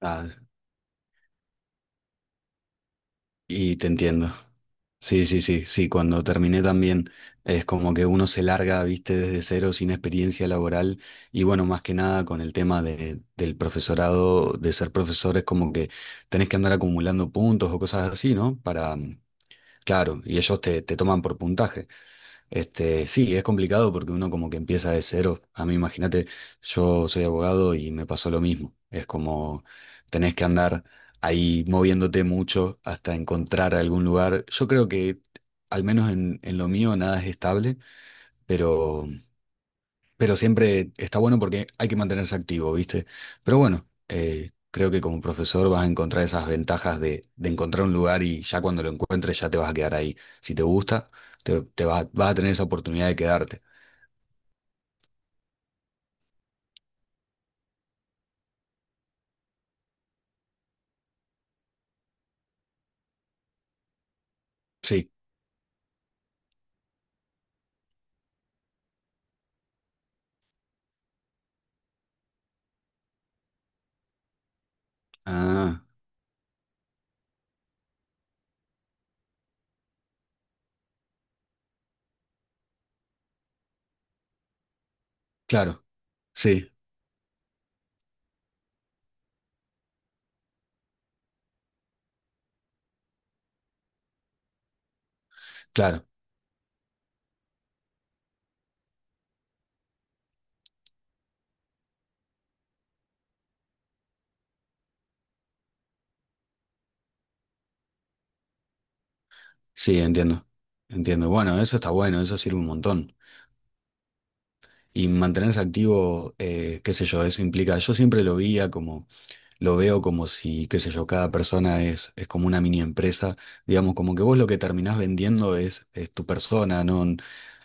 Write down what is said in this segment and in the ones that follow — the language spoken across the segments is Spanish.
Ah, y te entiendo. Sí, sí, sí, sí, cuando terminé también es como que uno se larga, viste, desde cero sin experiencia laboral. Y bueno, más que nada con el tema del profesorado, de ser profesor es como que tenés que andar acumulando puntos o cosas así, ¿no? Claro, y ellos te toman por puntaje. Este, sí, es complicado porque uno como que empieza de cero. A mí, imagínate, yo soy abogado y me pasó lo mismo. Es como tenés que andar ahí moviéndote mucho hasta encontrar algún lugar. Yo creo que, al menos en lo mío, nada es estable, pero pero siempre está bueno porque hay que mantenerse activo, ¿viste? Pero bueno, creo que como profesor vas a encontrar esas ventajas de encontrar un lugar y ya cuando lo encuentres ya te vas a quedar ahí. Si te gusta, vas a tener esa oportunidad de quedarte. Sí. Ah, claro. Sí, claro. Sí, entiendo. Entiendo. Bueno, eso está bueno, eso sirve un montón. Y mantenerse activo, qué sé yo, eso implica, yo siempre lo veía como lo veo como si, qué sé yo, cada persona es como una mini empresa, digamos, como que vos lo que terminás vendiendo es tu persona, no n-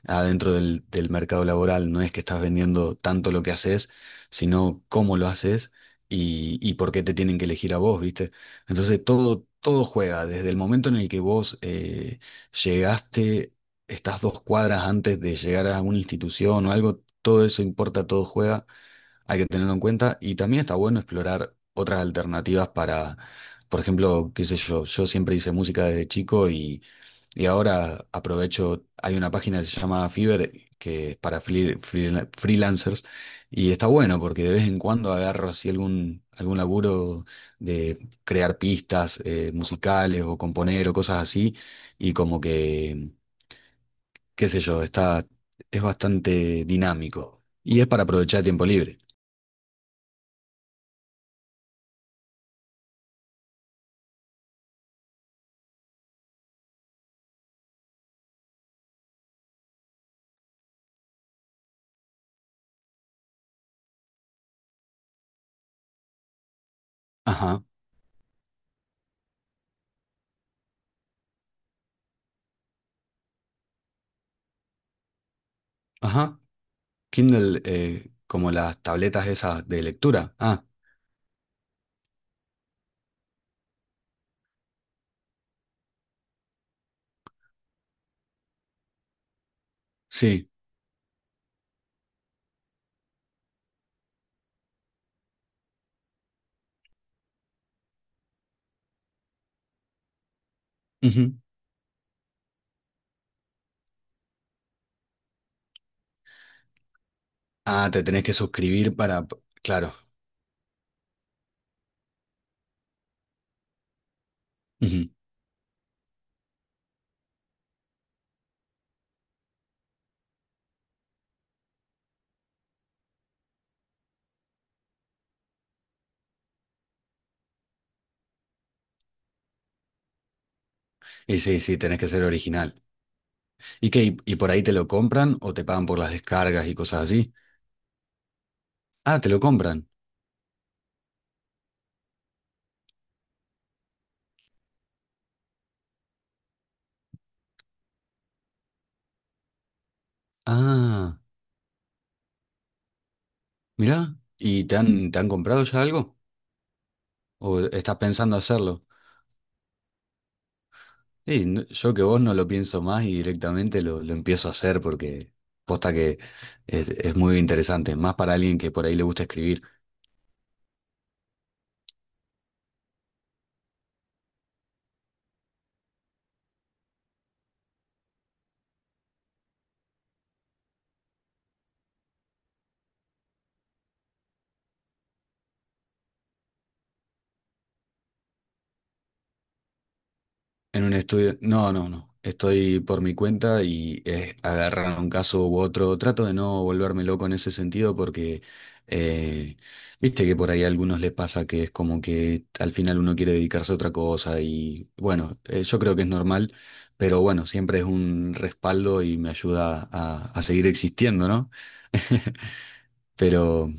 adentro del mercado laboral, no es que estás vendiendo tanto lo que haces, sino cómo lo haces y por qué te tienen que elegir a vos, ¿viste? Entonces todo juega, desde el momento en el que vos llegaste, estás dos cuadras antes de llegar a una institución o algo, todo eso importa, todo juega. Hay que tenerlo en cuenta. Y también está bueno explorar otras alternativas para, por ejemplo, qué sé yo, yo siempre hice música desde chico y ahora aprovecho, hay una página que se llama Fiverr, que es para freelancers, y está bueno porque de vez en cuando agarro así algún laburo de crear pistas musicales o componer o cosas así, y como que, qué sé yo, está, es bastante dinámico. Y es para aprovechar tiempo libre. Ajá, ajá. Kindle, como las tabletas esas de lectura. Ah, sí. Ujú. Ah, te tenés que suscribir para... Claro. Ujú. Y sí, sí, tenés que ser original. ¿Y qué? Y por ahí te lo compran o te pagan por las descargas y cosas así? Ah, te lo compran. Ah, mirá. ¿Y te han comprado ya algo? ¿O estás pensando hacerlo? Sí, no, yo que vos no lo pienso más y directamente lo empiezo a hacer porque posta que es muy interesante, más para alguien que por ahí le gusta escribir. En un estudio, no, no, no. Estoy por mi cuenta y es agarrar un caso u otro. Trato de no volverme loco en ese sentido porque, eh, viste que por ahí a algunos les pasa que es como que al final uno quiere dedicarse a otra cosa y bueno, yo creo que es normal, pero bueno, siempre es un respaldo y me ayuda a seguir existiendo, ¿no? Pero,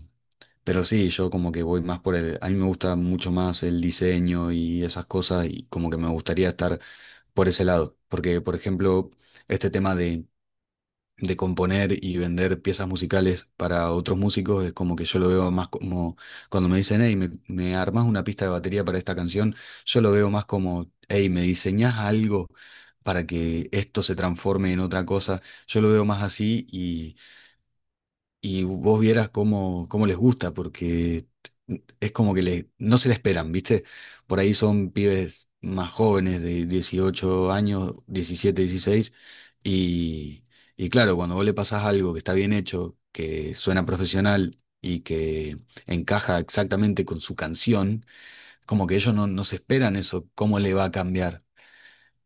pero sí, yo como que voy más por el, a mí me gusta mucho más el diseño y esas cosas y como que me gustaría estar por ese lado, porque por ejemplo, este tema de componer y vender piezas musicales para otros músicos es como que yo lo veo más como cuando me dicen, hey, me armas una pista de batería para esta canción, yo lo veo más como, hey, me diseñas algo para que esto se transforme en otra cosa, yo lo veo más así y vos vieras cómo, cómo les gusta, porque es como que le, no se la esperan, ¿viste? Por ahí son pibes más jóvenes, de 18 años, 17 16 y, y claro, cuando vos le pasás algo que está bien hecho, que suena profesional y que encaja exactamente con su canción, como que ellos no, no se esperan eso, cómo le va a cambiar.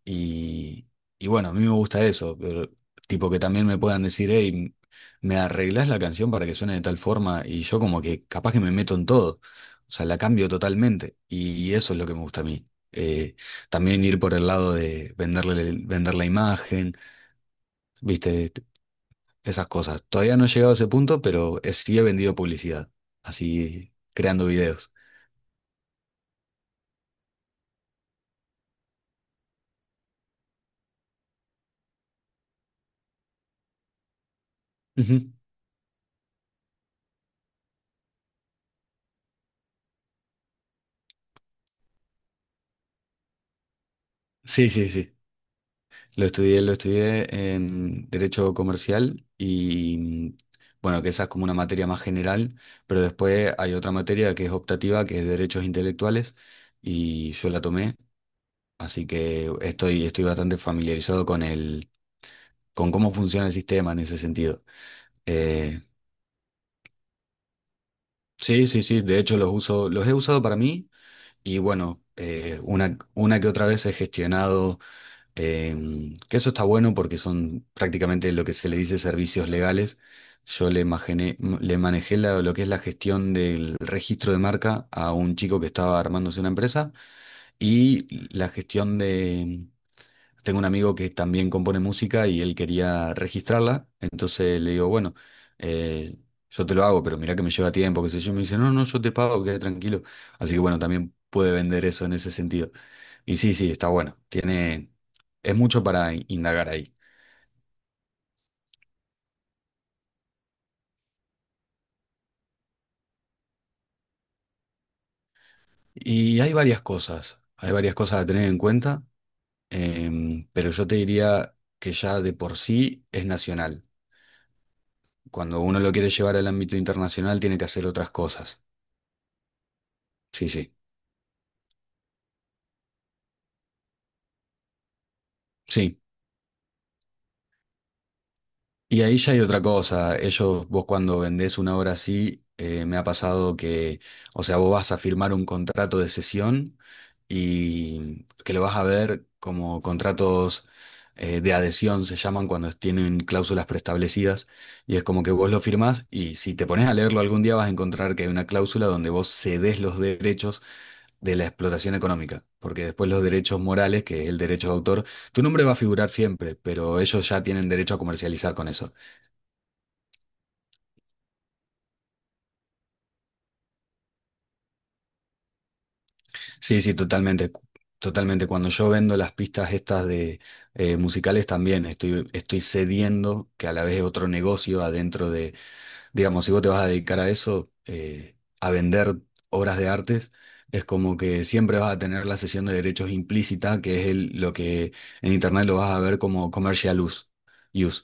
Y, y bueno, a mí me gusta eso, pero tipo que también me puedan decir, hey, me arreglás la canción para que suene de tal forma y yo como que capaz que me meto en todo, o sea, la cambio totalmente y eso es lo que me gusta a mí. Eh, también ir por el lado de venderle, vender la imagen, viste, esas cosas. Todavía no he llegado a ese punto, pero sí he vendido publicidad, así creando videos. Ujú. Sí, sí, sí. Lo estudié en Derecho Comercial y bueno, que esa es como una materia más general, pero después hay otra materia que es optativa, que es Derechos Intelectuales, y yo la tomé, así que estoy, estoy bastante familiarizado con el, con cómo funciona el sistema en ese sentido. Eh, sí, sí, sí, de hecho los uso, los he usado para mí y bueno, una que otra vez he gestionado. Que eso está bueno porque son prácticamente lo que se le dice servicios legales. Le manejé lo que es la gestión del registro de marca a un chico que estaba armándose una empresa y la gestión de... Tengo un amigo que también compone música y él quería registrarla, entonces le digo, bueno, eh, yo te lo hago, pero mirá que me lleva tiempo, qué sé yo, me dice, no, no, yo te pago, quédate tranquilo. Así que bueno, también puede vender eso en ese sentido. Y sí, sí, está bueno. Tiene, es mucho para indagar ahí. Y hay varias cosas a tener en cuenta, pero yo te diría que ya de por sí es nacional. Cuando uno lo quiere llevar al ámbito internacional, tiene que hacer otras cosas. Sí, sí, sí. Y ahí ya hay otra cosa. Ellos, vos cuando vendés una obra así, me ha pasado que, o sea, vos vas a firmar un contrato de cesión y que lo vas a ver como contratos de adhesión, se llaman cuando tienen cláusulas preestablecidas. Y es como que vos lo firmás y si te pones a leerlo algún día vas a encontrar que hay una cláusula donde vos cedes los derechos de la explotación económica. Porque después los derechos morales, que es el derecho de autor, tu nombre va a figurar siempre, pero ellos ya tienen derecho a comercializar con eso. Sí, sí, totalmente, totalmente. Cuando yo vendo las pistas estas de musicales también estoy, estoy cediendo que a la vez es otro negocio adentro de, digamos, si vos te vas a dedicar a eso, a vender obras de artes, es como que siempre vas a tener la cesión de derechos implícita, que es el, lo que en internet lo vas a ver como commercial use. Use.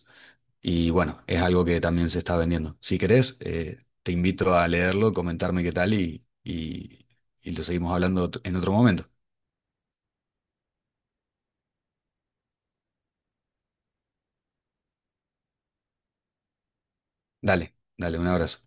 Y bueno, es algo que también se está vendiendo. Si querés, te invito a leerlo, comentarme qué tal y lo seguimos hablando en otro momento. Dale, dale, un abrazo.